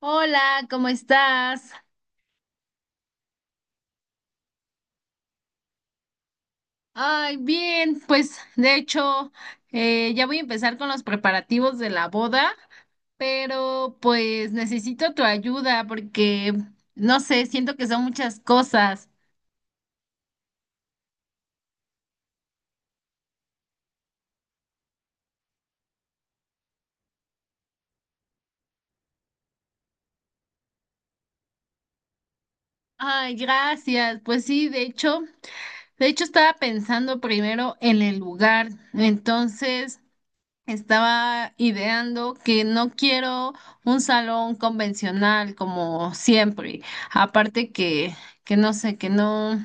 Hola, ¿cómo estás? Ay, bien, pues de hecho ya voy a empezar con los preparativos de la boda, pero pues necesito tu ayuda porque no sé, siento que son muchas cosas. Ay, gracias. Pues sí, de hecho estaba pensando primero en el lugar. Entonces, Estaba ideando que no quiero un salón convencional como siempre. Aparte que no sé, que no,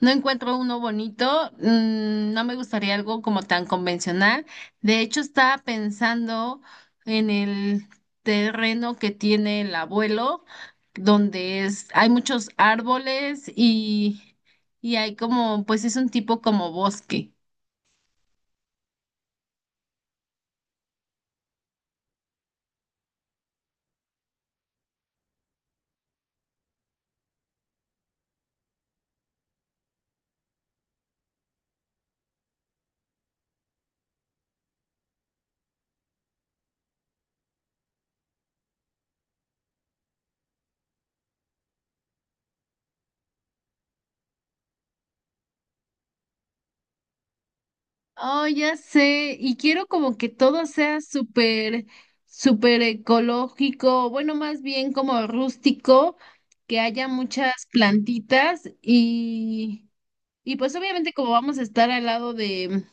no encuentro uno bonito. No me gustaría algo como tan convencional. De hecho, estaba pensando en el terreno que tiene el abuelo, donde es, hay muchos árboles y hay como, pues es un tipo como bosque. Oh, ya sé, y quiero como que todo sea súper ecológico, bueno, más bien como rústico, que haya muchas plantitas y pues obviamente como vamos a estar al lado de,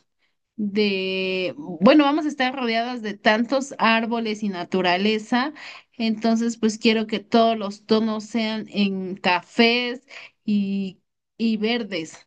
de, bueno, vamos a estar rodeadas de tantos árboles y naturaleza, entonces pues quiero que todos los tonos sean en cafés y, y verdes.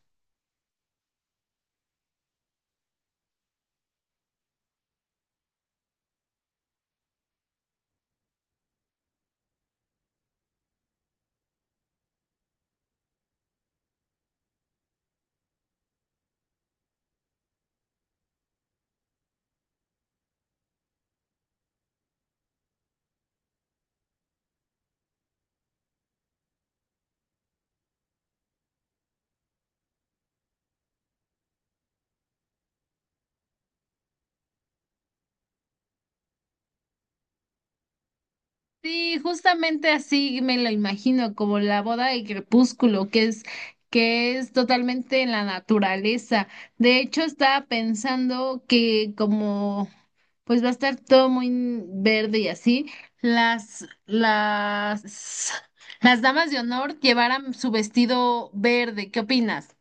Sí, justamente así me lo imagino, como la boda de crepúsculo, que es totalmente en la naturaleza. De hecho, estaba pensando que como pues va a estar todo muy verde y así, las, las, las damas de honor llevaran su vestido verde. ¿Qué opinas?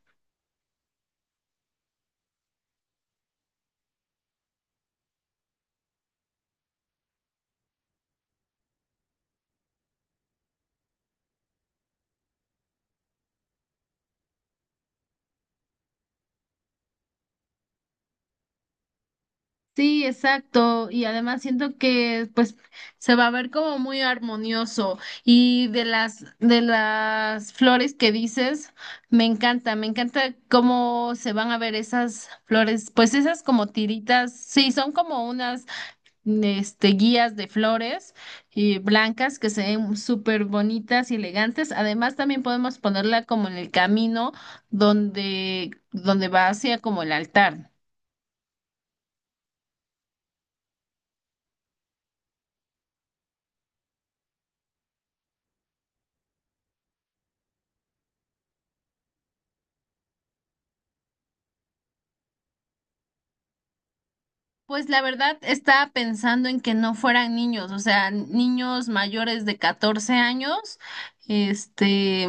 Sí, exacto. Y además siento que pues se va a ver como muy armonioso. Y de las flores que dices, me encanta cómo se van a ver esas flores, pues esas como tiritas, sí, son como unas este guías de flores y blancas que se ven súper bonitas y elegantes. Además también podemos ponerla como en el camino donde va hacia como el altar. Pues la verdad estaba pensando en que no fueran niños, o sea, niños mayores de 14 años, este,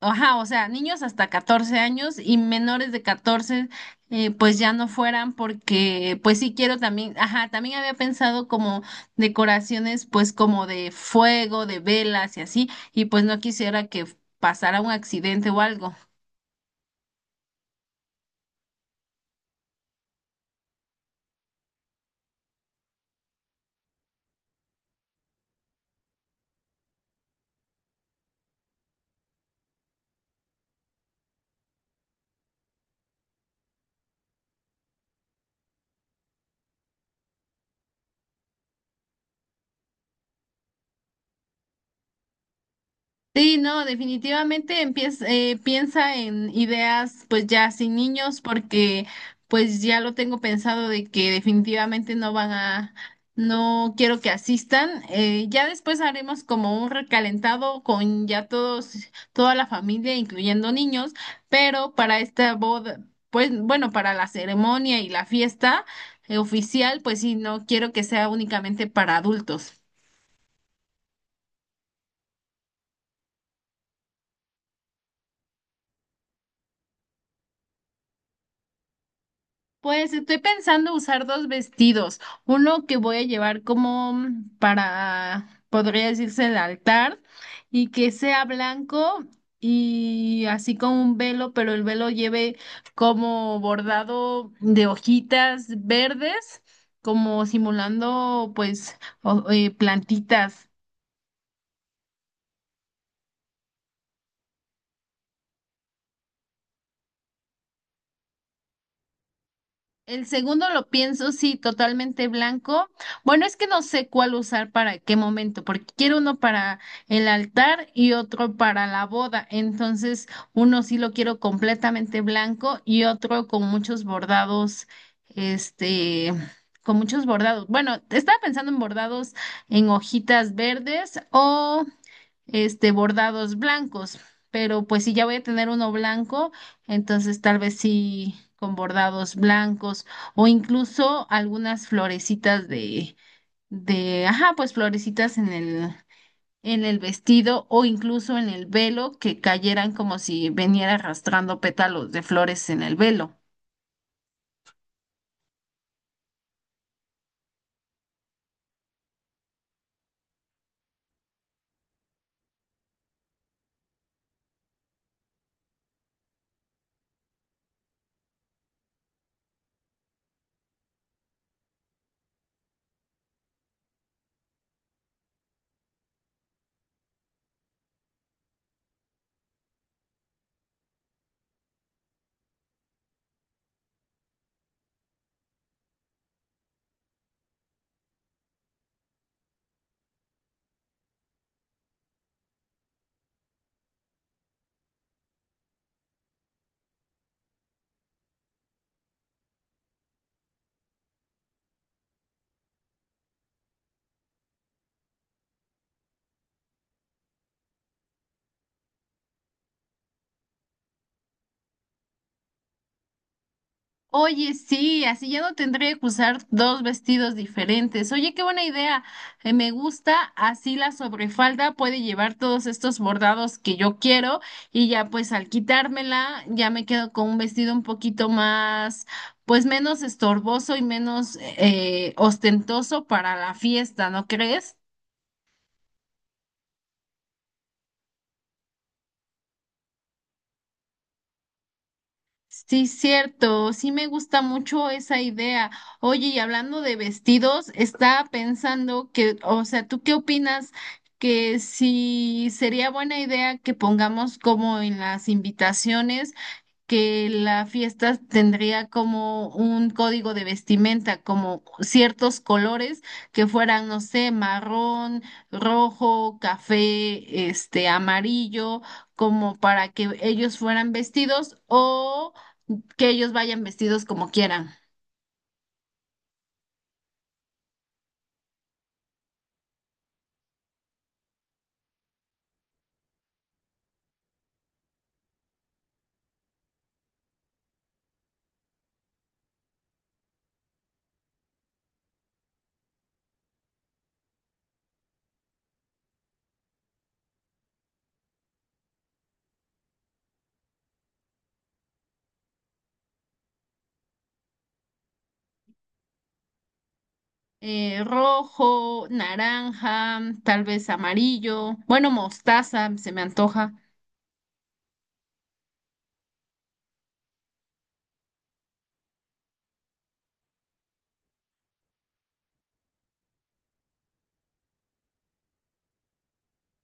ajá, o sea, niños hasta 14 años y menores de 14, pues ya no fueran porque, pues sí quiero también, ajá, también había pensado como decoraciones, pues como de fuego, de velas y así, y pues no quisiera que pasara un accidente o algo. Sí, no, definitivamente empieza, piensa en ideas pues ya sin niños porque pues ya lo tengo pensado de que definitivamente no quiero que asistan. Ya después haremos como un recalentado con ya todos, toda la familia, incluyendo niños, pero para esta boda, pues bueno, para la ceremonia y la fiesta oficial, pues sí, no quiero que sea únicamente para adultos. Pues estoy pensando usar dos vestidos, uno que voy a llevar como podría decirse, el altar y que sea blanco y así con un velo, pero el velo lleve como bordado de hojitas verdes, como simulando pues plantitas. El segundo lo pienso, sí, totalmente blanco. Bueno, es que no sé cuál usar para qué momento, porque quiero uno para el altar y otro para la boda. Entonces, uno sí lo quiero completamente blanco y otro con muchos bordados, este, con muchos bordados. Bueno, estaba pensando en bordados en hojitas verdes o bordados blancos, pero pues si ya voy a tener uno blanco, entonces tal vez sí con bordados blancos o incluso algunas florecitas ajá, pues florecitas en el vestido o incluso en el velo que cayeran como si veniera arrastrando pétalos de flores en el velo. Oye, sí, así ya no tendré que usar dos vestidos diferentes. Oye, qué buena idea. Me gusta, así la sobrefalda puede llevar todos estos bordados que yo quiero y ya pues al quitármela ya me quedo con un vestido un poquito más, pues menos estorboso y menos ostentoso para la fiesta, ¿no crees? Sí, cierto, sí me gusta mucho esa idea. Oye, y hablando de vestidos, estaba pensando que, o sea, ¿tú qué opinas que si sería buena idea que pongamos como en las invitaciones que la fiesta tendría como un código de vestimenta, como ciertos colores que fueran, no sé, marrón, rojo, café, este, amarillo, como para que ellos fueran vestidos o que ellos vayan vestidos como quieran? Rojo, naranja, tal vez amarillo, bueno, mostaza, se me antoja.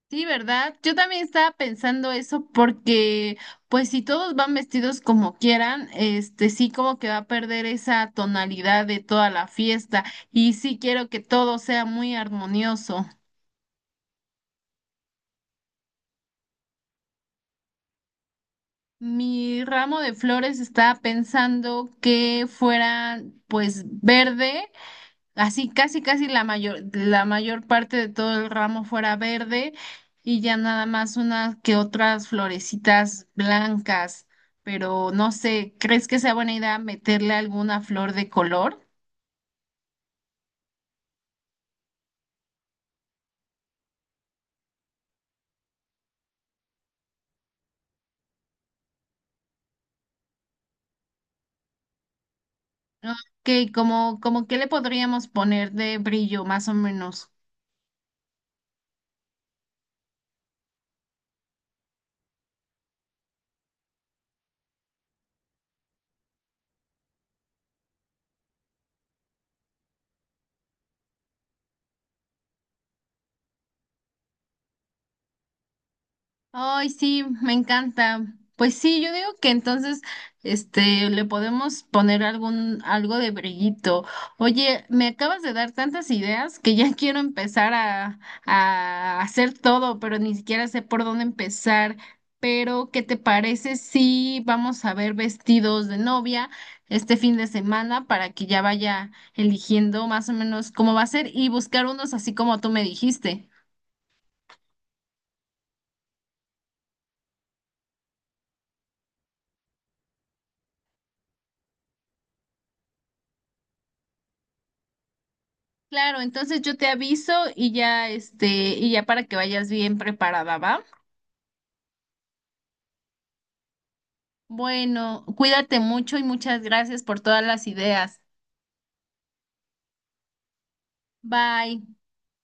Sí, ¿verdad? Yo también estaba pensando eso porque, pues, si todos van vestidos como quieran, este sí como que va a perder esa tonalidad de toda la fiesta y sí quiero que todo sea muy armonioso. Mi ramo de flores estaba pensando que fueran, pues, verde. Así casi casi la mayor parte de todo el ramo fuera verde y ya nada más unas que otras florecitas blancas, pero no sé, ¿crees que sea buena idea meterle alguna flor de color? Ok, como que le podríamos poner de brillo, más o menos. Ay, sí, me encanta. Pues sí, yo digo que entonces, este, le podemos poner algo de brillito. Oye, me acabas de dar tantas ideas que ya quiero a hacer todo, pero ni siquiera sé por dónde empezar. Pero, ¿qué te parece si vamos a ver vestidos de novia este fin de semana para que ya vaya eligiendo más o menos cómo va a ser y buscar unos así como tú me dijiste? Claro, entonces yo te aviso y ya este, y ya para que vayas bien preparada, ¿va? Bueno, cuídate mucho y muchas gracias por todas las ideas. Bye.